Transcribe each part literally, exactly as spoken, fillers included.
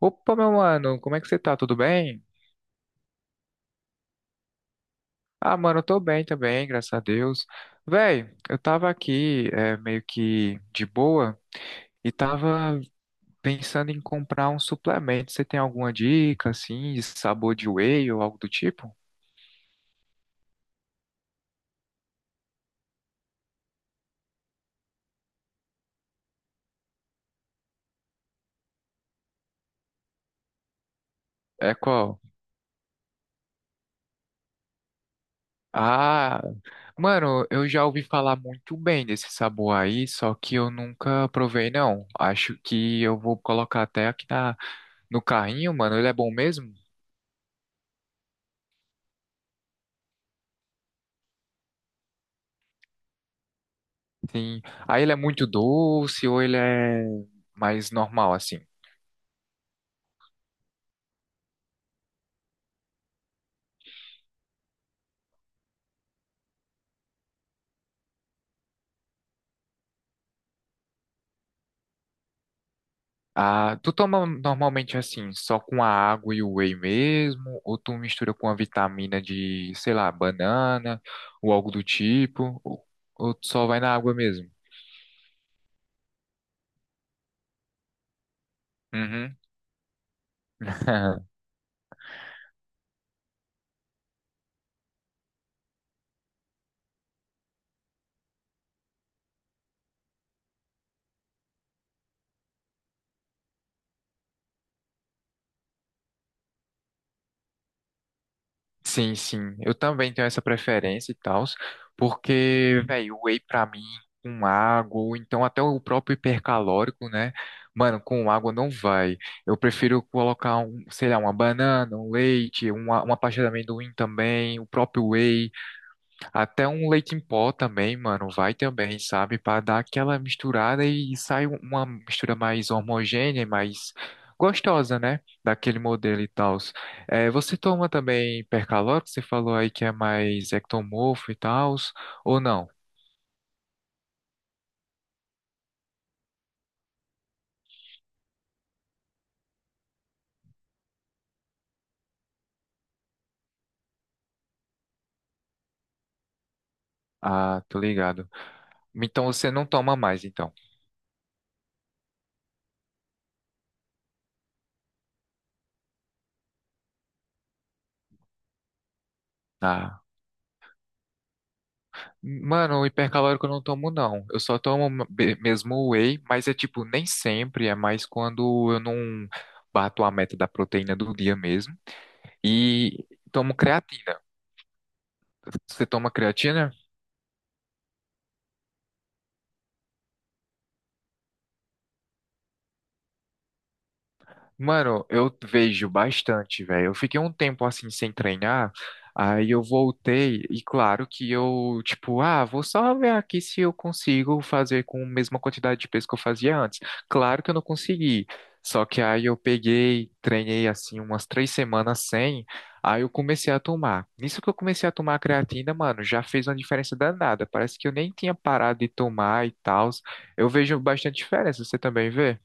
Opa, meu mano, como é que você tá? Tudo bem? Ah, mano, eu tô bem também, graças a Deus. Véi, eu tava aqui é, meio que de boa e tava pensando em comprar um suplemento. Você tem alguma dica, assim, de sabor de whey ou algo do tipo? É qual? Ah, mano, eu já ouvi falar muito bem desse sabor aí, só que eu nunca provei, não. Acho que eu vou colocar até aqui na, no carrinho, mano. Ele é bom mesmo? Sim. Aí ele é muito doce ou ele é mais normal, assim? Ah, tu toma normalmente assim, só com a água e o whey mesmo? Ou tu mistura com a vitamina de, sei lá, banana ou algo do tipo? Ou, ou tu só vai na água mesmo? Uhum. Sim, sim. Eu também tenho essa preferência e tal, porque, velho, o whey pra mim, com água, ou então até o próprio hipercalórico, né? Mano, com água não vai. Eu prefiro colocar, um, sei lá, uma banana, um leite, uma, uma pasta de amendoim também, o próprio whey. Até um leite em pó também, mano, vai também, sabe? Pra dar aquela misturada e sai um, uma mistura mais homogênea, e mais gostosa, né? Daquele modelo e tal. É, você toma também percalórico? Você falou aí que é mais ectomorfo e tal, ou não? Ah, tô ligado. Então você não toma mais, então. Ah. Mano, o hipercalórico eu não tomo, não. Eu só tomo be- mesmo o whey, mas é tipo, nem sempre, é mais quando eu não bato a meta da proteína do dia mesmo. E tomo creatina. Você toma creatina? Mano, eu vejo bastante, velho. Eu fiquei um tempo assim sem treinar, aí eu voltei e claro que eu, tipo, ah, vou só ver aqui se eu consigo fazer com a mesma quantidade de peso que eu fazia antes. Claro que eu não consegui. Só que aí eu peguei, treinei assim umas três semanas sem, aí eu comecei a tomar. Nisso que eu comecei a tomar a creatina, mano, já fez uma diferença danada. Parece que eu nem tinha parado de tomar e tal. Eu vejo bastante diferença, você também vê?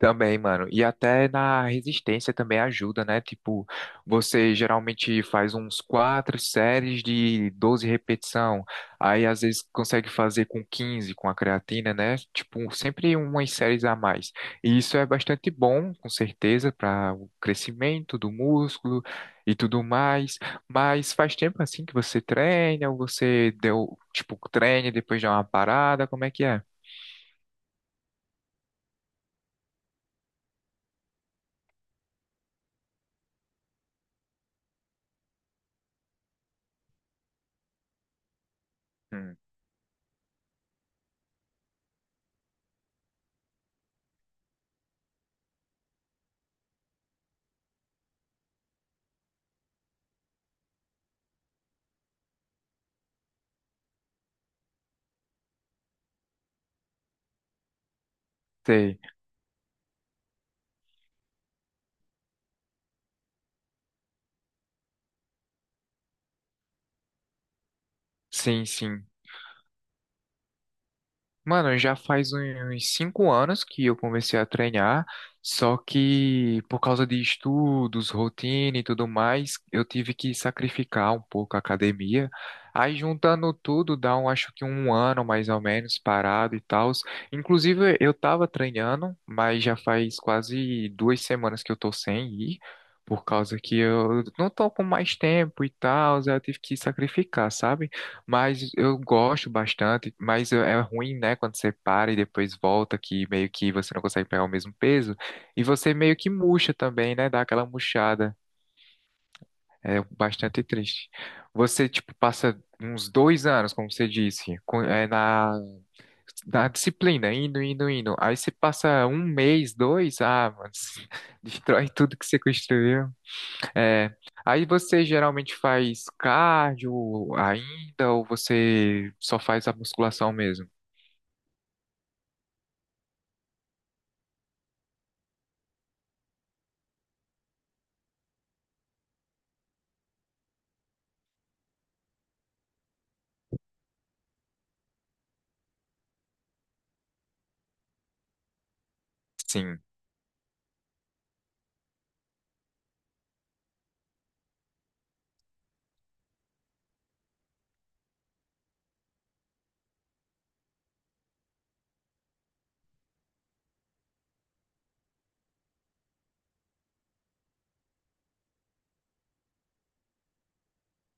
Também, mano. E até na resistência também ajuda, né? Tipo, você geralmente faz uns quatro séries de doze repetição. Aí às vezes consegue fazer com quinze com a creatina, né? Tipo, sempre umas séries a mais. E isso é bastante bom, com certeza, para o crescimento do músculo e tudo mais. Mas faz tempo assim que você treina, ou você deu, tipo, treina e depois dá uma parada, como é que é? Hum, sei. Sim, sim. Mano, já faz uns cinco anos que eu comecei a treinar, só que por causa de estudos, rotina e tudo mais, eu tive que sacrificar um pouco a academia. Aí juntando tudo, dá um, acho que um ano mais ou menos parado e tal. Inclusive, eu tava treinando, mas já faz quase duas semanas que eu tô sem ir, por causa que eu não tô com mais tempo e tal, aí eu tive que sacrificar, sabe? Mas eu gosto bastante, mas é é ruim, né, quando você para e depois volta, que meio que você não consegue pegar o mesmo peso, e você meio que murcha também, né, dá aquela murchada, é bastante triste. Você, tipo, passa uns dois anos, como você disse, com- é, na, na disciplina, indo, indo, indo, aí você passa um mês, dois, ah, mano, destrói tudo que você construiu. É, aí você geralmente faz cardio ainda ou você só faz a musculação mesmo? Sim,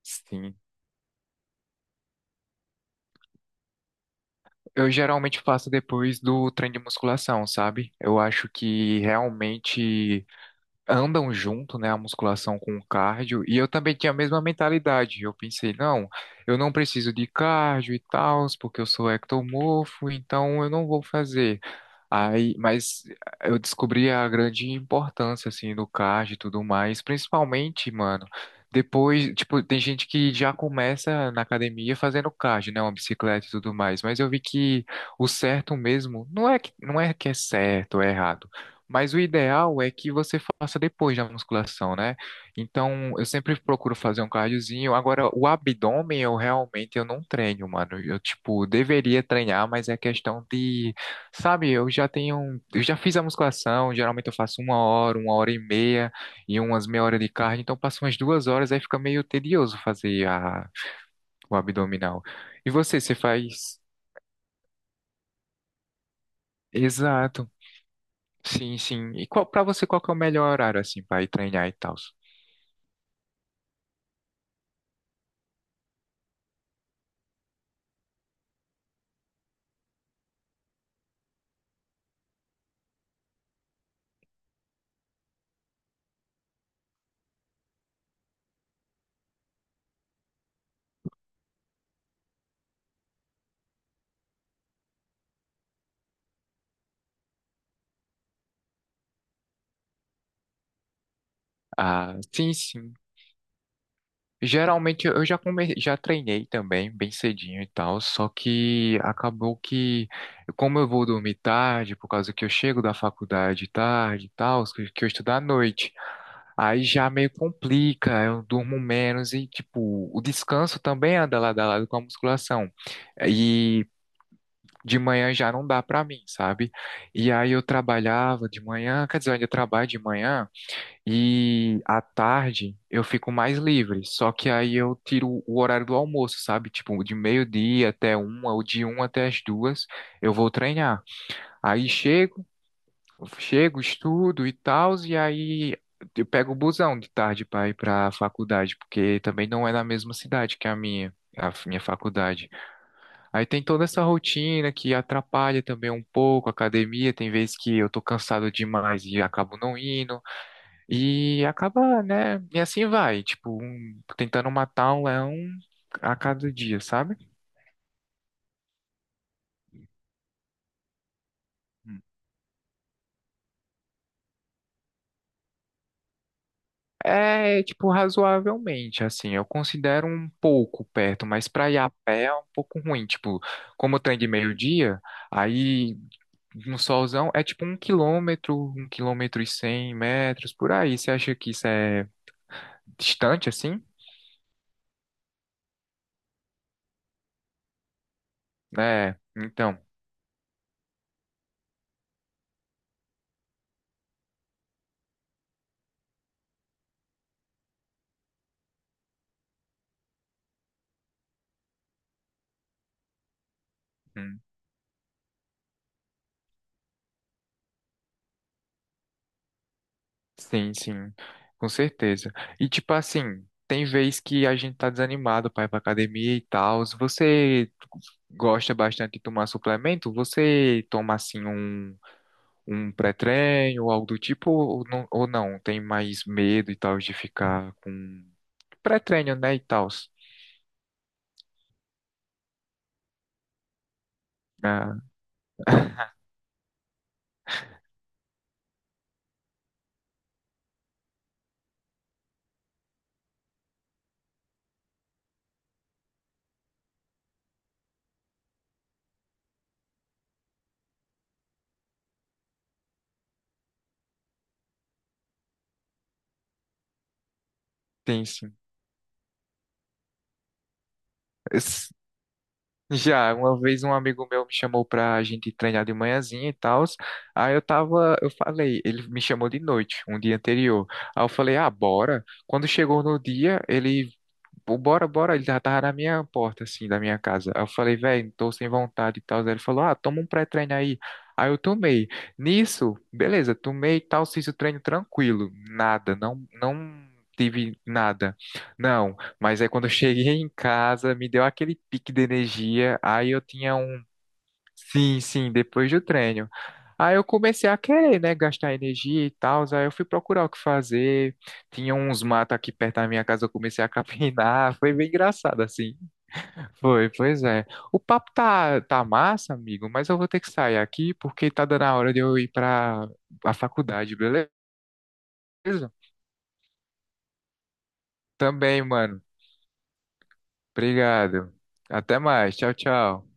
sim. Eu geralmente faço depois do treino de musculação, sabe? Eu acho que realmente andam junto, né, a musculação com o cardio. E eu também tinha a mesma mentalidade. Eu pensei, não, eu não preciso de cardio e tal, porque eu sou ectomorfo, então eu não vou fazer. Aí, mas eh, eu descobri a grande importância, assim, do card e tudo mais, principalmente, mano, depois, tipo, tem gente que já começa na academia fazendo card, né, uma bicicleta e tudo mais, mas eu vi que o certo mesmo, não é que, não é que é certo ou é errado, mas o ideal é que você faça depois da musculação, né? Então, eu sempre procuro fazer um cardiozinho, agora, o abdômen eu realmente eu não treino, mano, eu, tipo, deveria treinar, mas é questão de sabe, eu já tenho, um, eu já fiz a musculação, geralmente eu faço uma hora, uma hora e meia e umas meia hora de cardio, então passo umas duas horas, aí fica meio tedioso fazer a, o abdominal. E você, você faz? Exato, sim, sim. E qual, para você, qual que é o melhor horário, assim, para ir treinar e tal? Ah, sim, sim. Geralmente eu já come... já treinei também, bem cedinho e tal, só que acabou que, como eu vou dormir tarde, por causa que eu chego da faculdade tarde e tal, que que eu estudo à noite, aí já meio complica, eu durmo menos e, tipo, o descanso também anda lado a lado com a musculação. E de manhã já não dá pra mim, sabe? E aí eu trabalhava de manhã, quer dizer, eu ainda trabalho de manhã. E à tarde eu fico mais livre, só que aí eu tiro o horário do almoço, sabe? Tipo, de meio-dia até uma, ou de uma até as duas, eu vou treinar. Aí chego, chego, estudo e tal, e aí eu pego o busão de tarde para ir para a faculdade, porque também não é na mesma cidade que a minha. A minha faculdade. Aí tem toda essa rotina que atrapalha também um pouco a academia. Tem vezes que eu tô cansado demais e acabo não indo. E acaba, né? E assim vai, tipo, um, tentando matar um leão a cada dia, sabe? Hum. É, tipo, razoavelmente, assim, eu considero um pouco perto, mas pra ir a pé é um pouco ruim, tipo, como tem de meio-dia, aí no solzão é tipo um quilômetro, um quilômetro e cem metros, por aí, você acha que isso é distante, assim? É, então... hum. Sim, sim, com certeza. E tipo assim, tem vez que a gente tá desanimado para ir pra academia e tal. Se você gosta bastante de tomar suplemento, você toma assim um, um pré-treino ou algo do tipo, ou não, ou não? Tem mais medo e tal de ficar com pré-treino, né, e tal. Ah, tem sim. Já, uma vez um amigo meu me chamou pra gente treinar de manhãzinha e tal. Aí eu tava, eu falei, ele me chamou de noite, um dia anterior. Aí eu falei, ah, bora. Quando chegou no dia, ele pô, bora, bora. Ele já tava na minha porta, assim, da minha casa. Aí eu falei, velho, tô sem vontade e tal. Aí ele falou, ah, toma um pré-treino aí. Aí eu tomei. Nisso, beleza, tomei e tal, fiz o treino tranquilo. Nada, não, não tive nada. Não, mas aí quando eu cheguei em casa, me deu aquele pique de energia. Aí eu tinha um, sim, sim, depois do treino. Aí eu comecei a querer, né, gastar energia e tal. Aí eu fui procurar o que fazer. Tinha uns matos aqui perto da minha casa, eu comecei a capinar. Foi bem engraçado, assim. Foi, pois é. O papo tá, tá massa, amigo, mas eu vou ter que sair aqui porque tá dando a hora de eu ir pra a faculdade, beleza? Também, mano. Obrigado. Até mais. Tchau, tchau.